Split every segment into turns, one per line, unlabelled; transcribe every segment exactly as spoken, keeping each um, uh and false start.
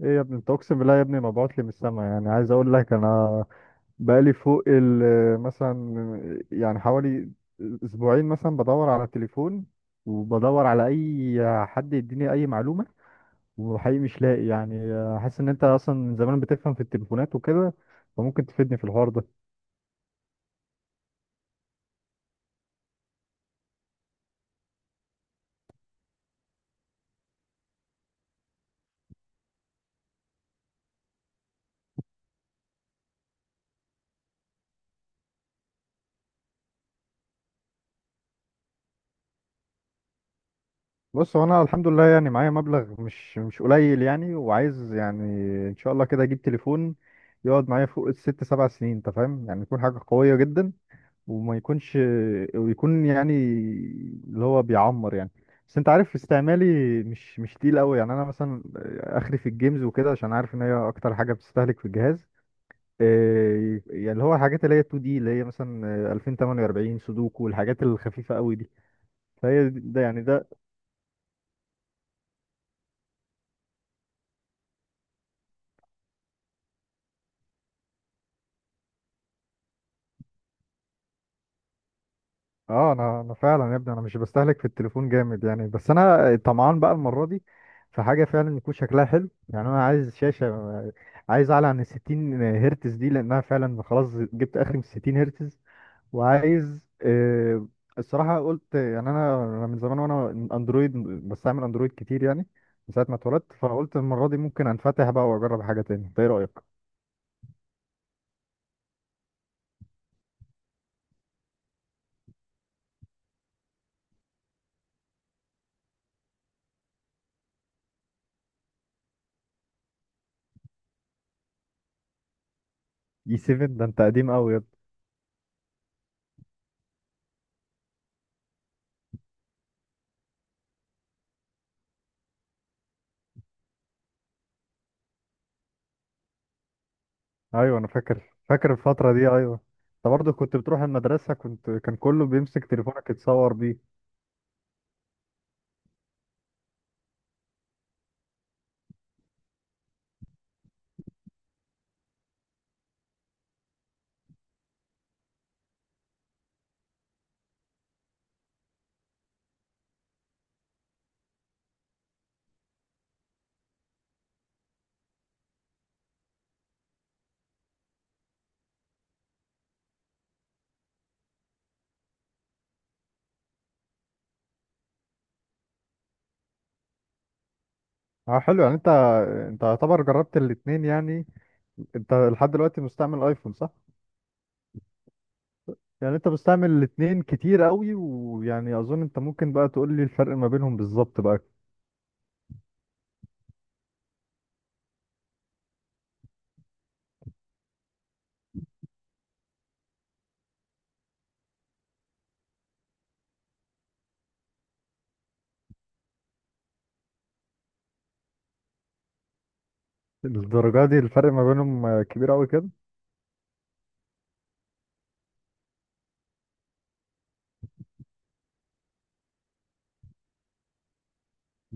ايه يا ابني، انت اقسم بالله يا ابني مبعوت لي من السما، يعني عايز اقول لك. انا بقالي فوق ال مثلا، يعني حوالي اسبوعين، مثلا بدور على التليفون، وبدور على اي حد يديني اي معلومه، وحقيقي مش لاقي يعني. حاسس ان انت اصلا من زمان بتفهم في التليفونات وكده، فممكن تفيدني في الحوار ده. بص، هو انا الحمد لله يعني معايا مبلغ مش مش قليل يعني، وعايز يعني ان شاء الله كده اجيب تليفون يقعد معايا فوق الست سبع سنين. انت فاهم يعني، يكون حاجه قويه جدا وما يكونش، ويكون يعني اللي هو بيعمر يعني. بس انت عارف استعمالي مش مش تقيل قوي يعني. انا مثلا اخري في الجيمز وكده عشان عارف ان هي اكتر حاجه بتستهلك في الجهاز. إيه، يعني اللي هو الحاجات اللي هي اتنين دي، اللي هي مثلا الفين واربعة وتمانين سودوكو والحاجات الخفيفه قوي دي. فهي ده يعني ده. اه، انا انا فعلا يا ابني انا مش بستهلك في التليفون جامد يعني. بس انا طمعان بقى المره دي في حاجه فعلا يكون شكلها حلو يعني. انا عايز شاشه، عايز اعلى عن ال ستين هرتز دي، لانها فعلا خلاص جبت اخر من ستين هرتز. وعايز آه، الصراحه قلت يعني، انا أنا من زمان وانا اندرويد، بستعمل اندرويد كتير يعني من ساعه ما اتولدت. فقلت المره دي ممكن انفتح بقى واجرب حاجه تاني. إنت ايه رايك؟ اي سفن؟ ده انت قديم قوي. ايوه انا فاكر، فاكر الفتره دي. ايوه انت برضه كنت بتروح المدرسه، كنت كان كله بيمسك تليفونك يتصور بيه. اه حلو يعني، انت انت يعتبر جربت الاتنين يعني. انت لحد دلوقتي مستعمل ايفون، صح؟ يعني انت مستعمل الاتنين كتير قوي، ويعني اظن انت ممكن بقى تقول لي الفرق ما بينهم بالظبط بقى. الدرجه دي الفرق ما بينهم آه، كبير قوي كده؟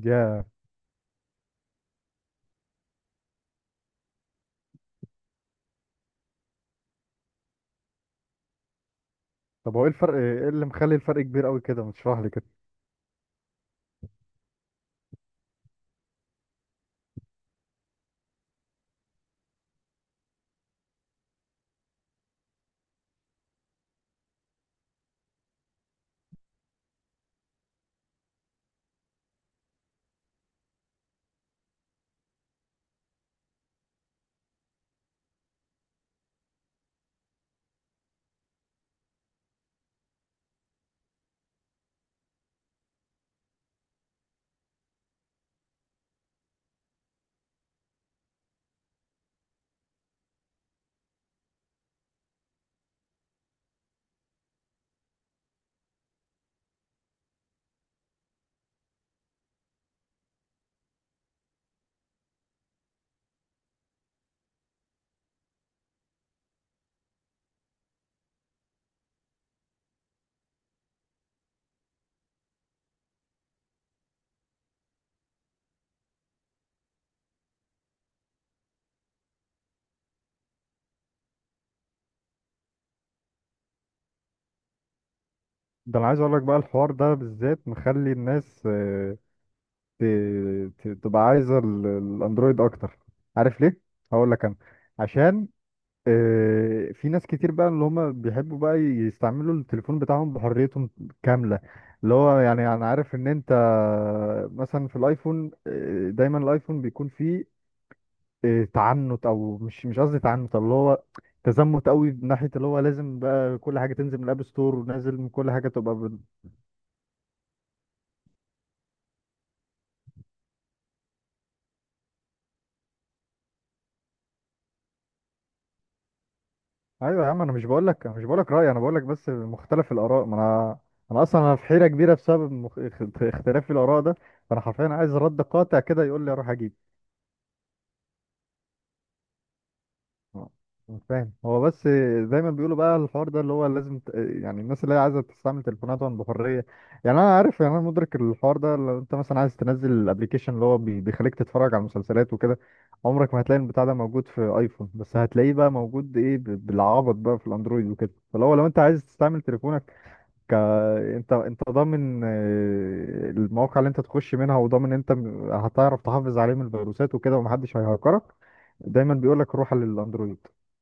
يا طب هو ايه الفرق، ايه اللي مخلي الفرق كبير قوي كده؟ ما تشرح لي كده. ده انا عايز اقول لك بقى الحوار ده بالذات مخلي الناس آه، ت- ت- تبقى عايزه ال- الاندرويد اكتر. عارف ليه؟ هقول لك انا. عشان آه، في ناس كتير بقى اللي هم بيحبوا بقى يستعملوا التليفون بتاعهم بحريتهم كاملة. اللي هو يعني انا عارف ان انت مثلا في الايفون، آه، دايما الايفون بيكون فيه آه، تعنت، او مش مش قصدي تعنت، اللي هو تزمت قوي، من ناحية اللي هو لازم بقى كل حاجة تنزل من الاب ستور، ونازل من كل حاجة تبقى. ايوه يا عم، انا مش بقول لك مش بقول لك رايي، انا بقول لك بس مختلف الاراء. ما انا انا اصلا انا في حيره كبيره بسبب مخ... اخت- اختلاف الاراء ده. فانا حرفيا عايز رد قاطع كده يقول لي اروح اجيب. آه، مش فاهم هو. بس زي ما بيقولوا بقى الحوار ده اللي هو لازم ت... يعني الناس اللي هي عايزه تستعمل تليفوناتهم بحريه. يعني انا عارف، يعني انا مدرك الحوار ده. لو انت مثلا عايز تنزل الابليكيشن اللي هو بي... بيخليك تتفرج على مسلسلات وكده، عمرك ما هتلاقي البتاع ده موجود في ايفون، بس هتلاقيه بقى موجود، ايه، ب- بالعبط بقى في الاندرويد وكده. فلو لو انت عايز تستعمل تليفونك، ك... انت انت ضامن آه، المواقع اللي انت تخش منها، وضامن انت م- هتعرف تحافظ عليه من الفيروسات وكده، ومحدش هيهكرك، دايما بيقول لك روح للاندرويد.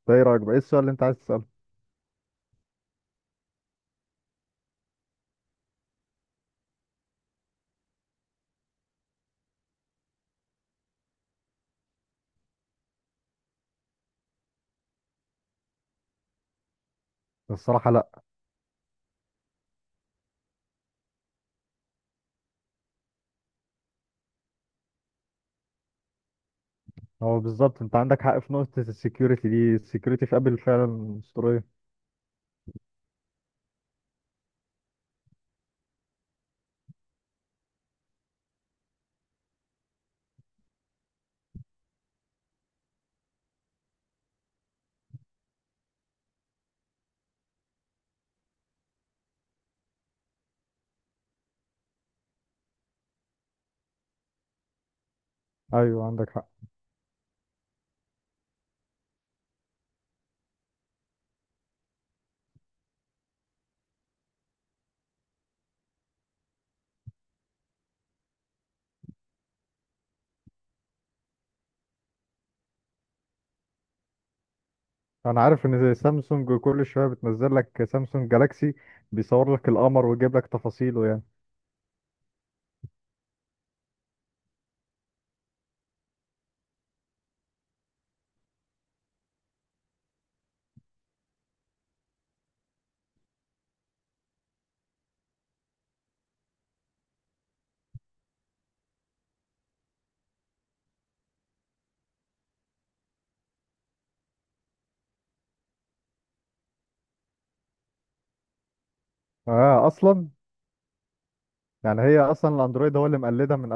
ده ايه رايك بقى؟ ايه السؤال اللي انت عايز تساله؟ الصراحه لا. هو بالظبط انت عندك حق في نقطه السكيورتي دي. السكيورتي في ابل فعلا اسطوريه. ايوه عندك حق. انا عارف ان زي سامسونج كل شويه بتنزل لك سامسونج جالاكسي بيصور لك القمر ويجيب لك تفاصيله يعني. اه اصلا. يعني هي اصلا الاندرويد هو اللي مقلدها من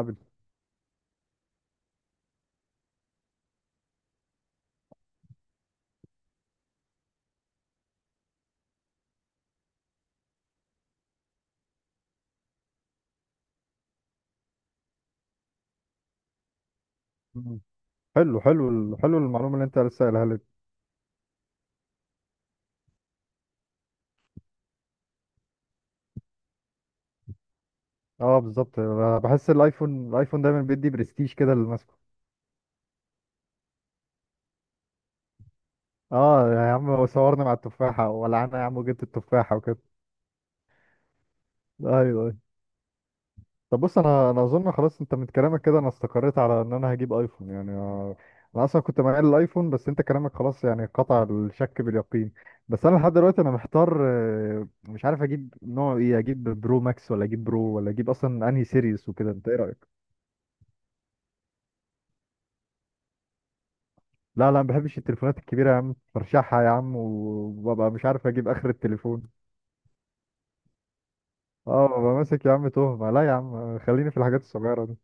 ابل. حلو، حلو، ال- حلو المعلومه اللي انت لسه قايلها لي. اه بالظبط، أنا بحس الايفون، الايفون دايما بيدي برستيج كده للماسكه. اه يا عم، صورنا مع التفاحه، ولا انا يا عم جبت التفاحه وكده. ايوه، ايوه. طب بص، انا انا اظن خلاص انت من كلامك كده انا استقريت على ان انا هجيب ايفون يعني. آه، انا اصلا كنت مايل للايفون، بس انت كلامك خلاص يعني قطع الشك باليقين. بس انا لحد دلوقتي انا محتار، آه، مش عارف اجيب نوع ايه، اجيب برو ماكس ولا اجيب برو، ولا اجيب اصلا انهي سيريس وكده. انت ايه رايك؟ لا لا، ما بحبش التليفونات الكبيرة يا عم، برشحها يا عم وببقى مش عارف اجيب اخر التليفون. اه ببقى ماسك يا عم تهمة. لا يا عم، خليني في الحاجات الصغيرة دي.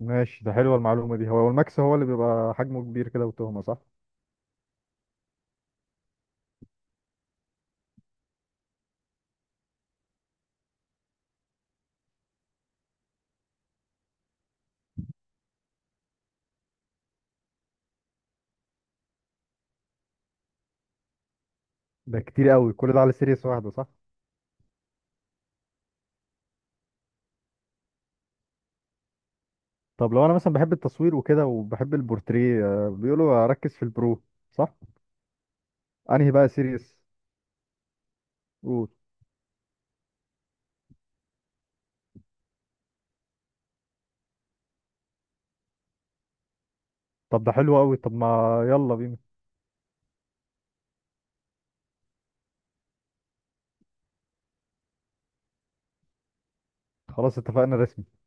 ماشي، ده حلوة المعلومة دي. هو الماكس هو اللي بيبقى حجمه كبير كده وتهمة، صح؟ ده كتير قوي كل ده على سيريس واحدة، صح؟ طب لو انا مثلا بحب التصوير وكده وبحب البورتريه، آه، بيقولوا اركز في البرو، صح؟ انهي بقى سيريس؟ قول. طب ده حلو قوي، طب ما... يلا بينا. خلاص اتفقنا رسمي.